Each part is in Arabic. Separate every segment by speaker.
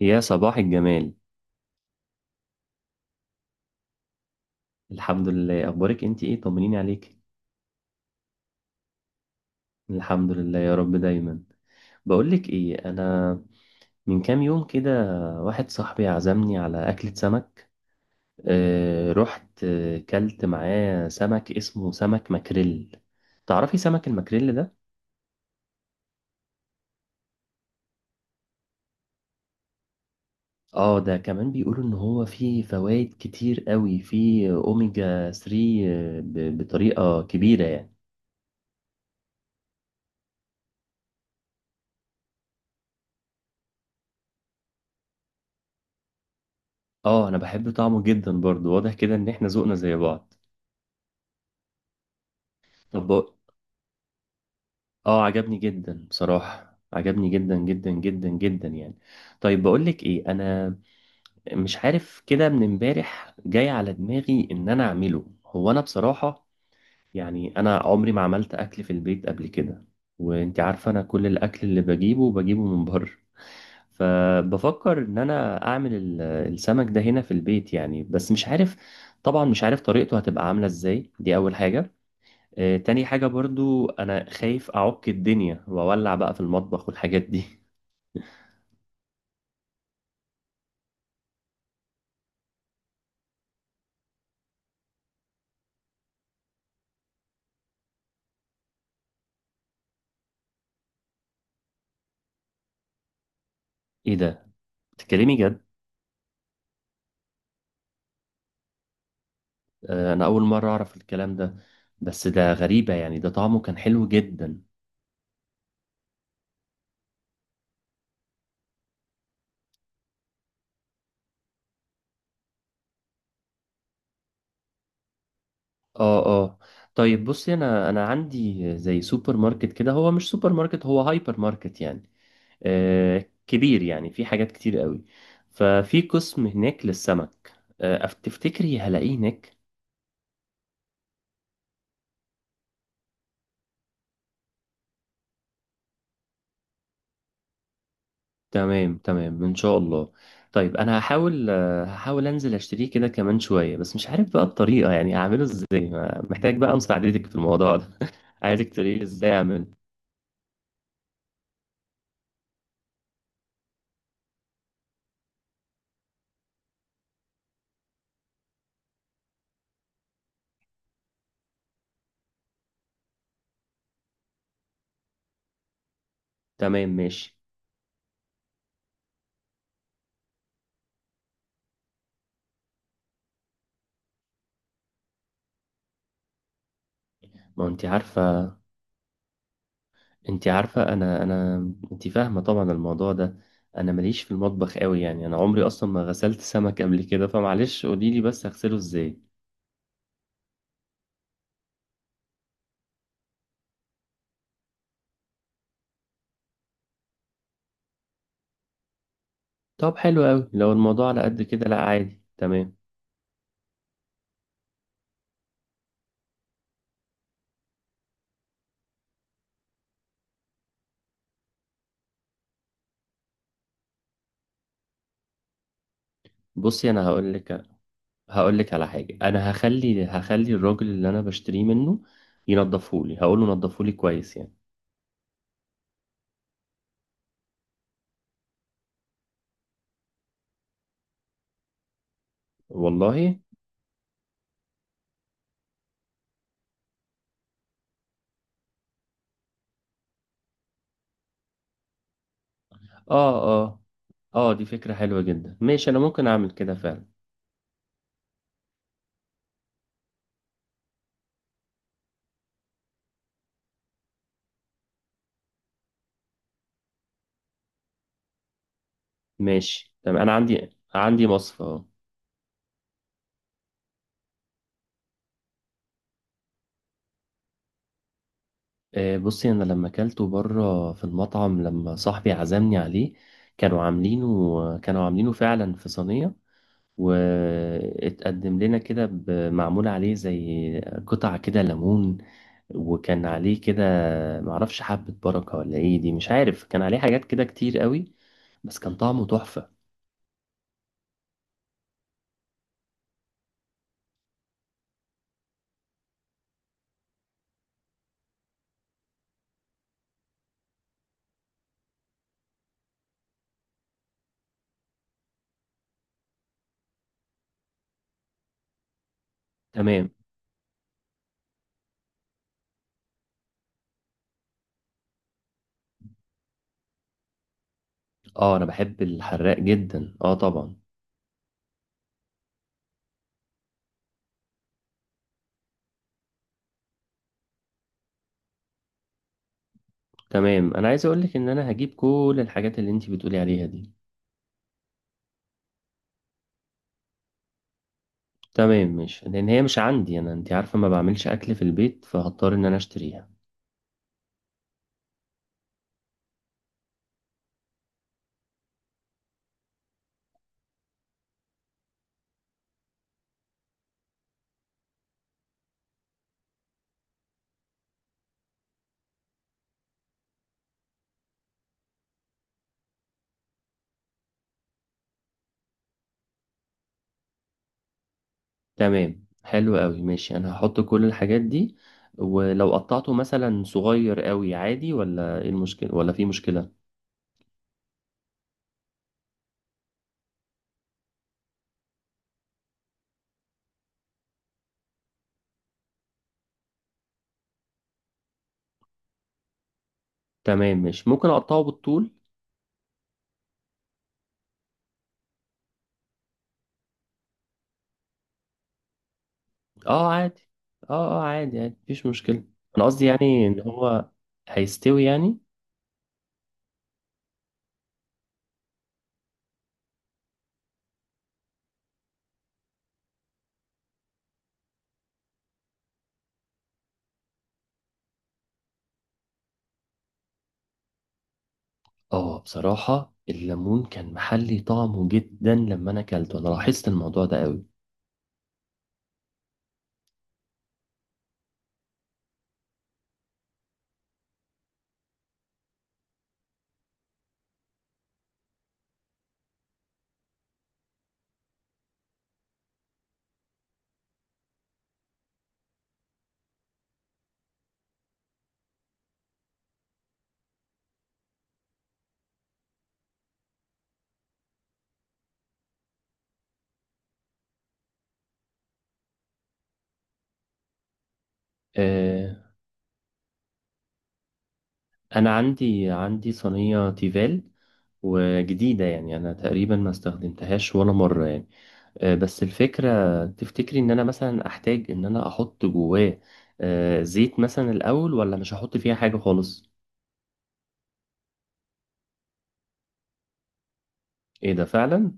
Speaker 1: يا صباح الجمال. الحمد لله، اخبارك انت ايه؟ طمنيني عليك. الحمد لله يا رب دايما. بقولك ايه انا، من كام يوم كده واحد صاحبي عزمني على اكلة سمك. رحت كلت معاه سمك اسمه سمك ماكريل. تعرفي سمك الماكريل ده؟ اه، ده كمان بيقولوا ان هو فيه فوائد كتير قوي، فيه اوميجا 3 بطريقة كبيرة يعني. اه انا بحب طعمه جدا برضو، واضح كده ان احنا ذوقنا زي بعض. طب اه عجبني جدا بصراحة، عجبني جدا جدا جدا جدا يعني. طيب بقولك ايه انا، مش عارف كده من امبارح جاي على دماغي ان انا اعمله هو. انا بصراحة يعني انا عمري ما عملت اكل في البيت قبل كده، وانت عارفة انا كل الاكل اللي بجيبه بجيبه من بره. فبفكر ان انا اعمل السمك ده هنا في البيت يعني، بس مش عارف. طبعا مش عارف طريقته هتبقى عاملة ازاي، دي اول حاجة. تاني حاجة برضو أنا خايف أعك الدنيا وأولع بقى في المطبخ والحاجات دي. إيه ده؟ بتتكلمي جد؟ آه، أنا أول مرة أعرف الكلام ده، بس ده غريبة يعني، ده طعمه كان حلو جدا. آه آه. طيب بصي، أنا عندي زي سوبر ماركت كده، هو مش سوبر ماركت، هو هايبر ماركت يعني. آه، كبير يعني، في حاجات كتير قوي. ففي قسم هناك للسمك. آه، تفتكري هلاقيه هناك؟ تمام تمام ان شاء الله. طيب انا هحاول، آه، هحاول انزل اشتريه كده كمان شويه، بس مش عارف بقى الطريقه يعني اعمله ازاي. محتاج بقى مساعدتك في الموضوع ده. عايزك تقولي لي ازاي اعمله. تمام ماشي. ما انت عارفه، انت عارفه. انا انت فاهمه طبعا الموضوع ده، انا ماليش في المطبخ قوي يعني، انا عمري اصلا ما غسلت سمك قبل كده، فمعلش قولي لي بس اغسله ازاي. طب حلو قوي، لو الموضوع على قد كده لا عادي تمام. بصي انا هقول لك، هقول لك على حاجة. أنا هخلي الراجل اللي أنا بشتريه منه ينضفه لي، هقول له نضفه لي كويس يعني. والله. آه آه. آه دي فكرة حلوة جدا، ماشي أنا ممكن أعمل كده فعلا. ماشي تمام، أنا عندي مصفى أهو. آه بصي، أنا لما أكلته بره في المطعم لما صاحبي عزمني عليه، كانوا عاملينه فعلا في صينية، واتقدم لنا كده معمول عليه زي قطع كده ليمون، وكان عليه كده، معرفش حبة بركة ولا ايه دي، مش عارف، كان عليه حاجات كده كتير قوي، بس كان طعمه تحفة. تمام. اه انا بحب الحراق جدا، اه طبعا. تمام، انا عايز اقولك ان انا هجيب كل الحاجات اللي انتي بتقولي عليها دي. تمام، مش لان هي مش عندي، انا انتي عارفة ما بعملش اكل في البيت، فهضطر ان انا اشتريها. تمام حلو قوي، ماشي انا هحط كل الحاجات دي. ولو قطعته مثلا صغير قوي عادي ولا ايه المشكلة، ولا في مشكلة؟ تمام ماشي، ممكن اقطعه بالطول. اه عادي، اه اه عادي عادي، مفيش مشكلة. انا قصدي يعني ان هو هيستوي يعني. اه بصراحة الليمون كان محلي طعمه جدا، لما انا اكلته انا لاحظت الموضوع ده قوي. آه انا عندي صينية تيفال وجديدة يعني، انا تقريبا ما استخدمتهاش ولا مرة يعني. آه، بس الفكرة، تفتكري ان انا مثلا احتاج ان انا احط جواه آه، زيت مثلا الاول، ولا مش هحط فيها حاجة خالص؟ ايه ده فعلا؟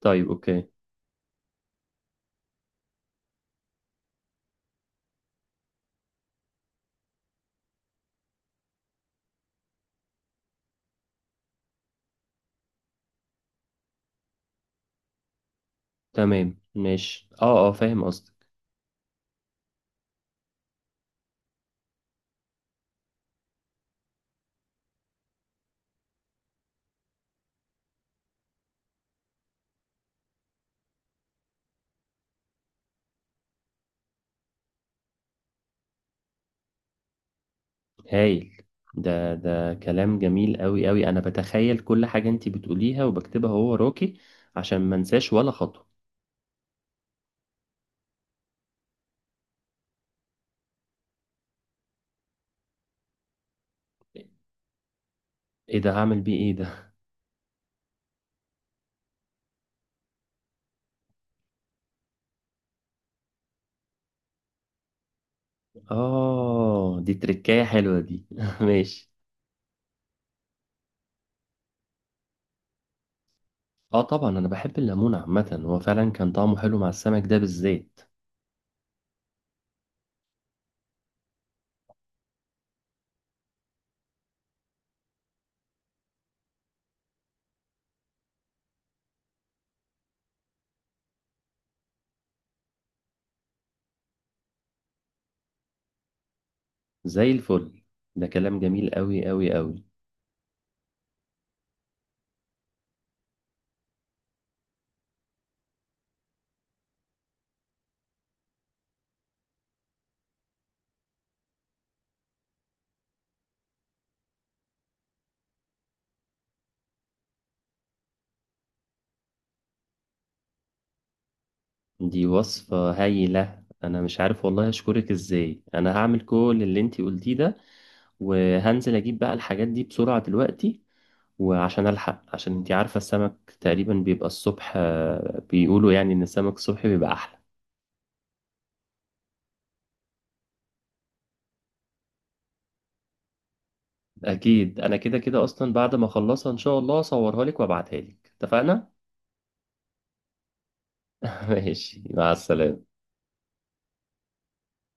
Speaker 1: طيب اوكي. تمام ماشي، اه اه فاهم قصدك. هايل، ده ده كلام جميل قوي قوي، انا بتخيل كل حاجة انتي بتقوليها وبكتبها هو وراكي عشان ما انساش ولا خطوة. ايه ده؟ هعمل بيه ايه ده؟ اه دي تركاية حلوة دي. ماشي. اه طبعا انا بحب الليمون عامة، هو فعلا كان طعمه حلو مع السمك ده بالذات. زي الفل، ده كلام جميل قوي قوي قوي. دي وصفة هايلة، انا مش عارف والله اشكرك ازاي، انا هعمل كل اللي انتي قلتيه ده، وهنزل اجيب بقى الحاجات دي بسرعة دلوقتي. وعشان الحق، عشان انتي عارفة السمك تقريبا بيبقى الصبح، آه، بيقولوا يعني ان السمك الصبح بيبقى احلى. اكيد انا كده كده اصلا بعد ما اخلصها ان شاء الله اصورها لك وابعتها لك، اتفقنا؟ ماشي، مع السلامة.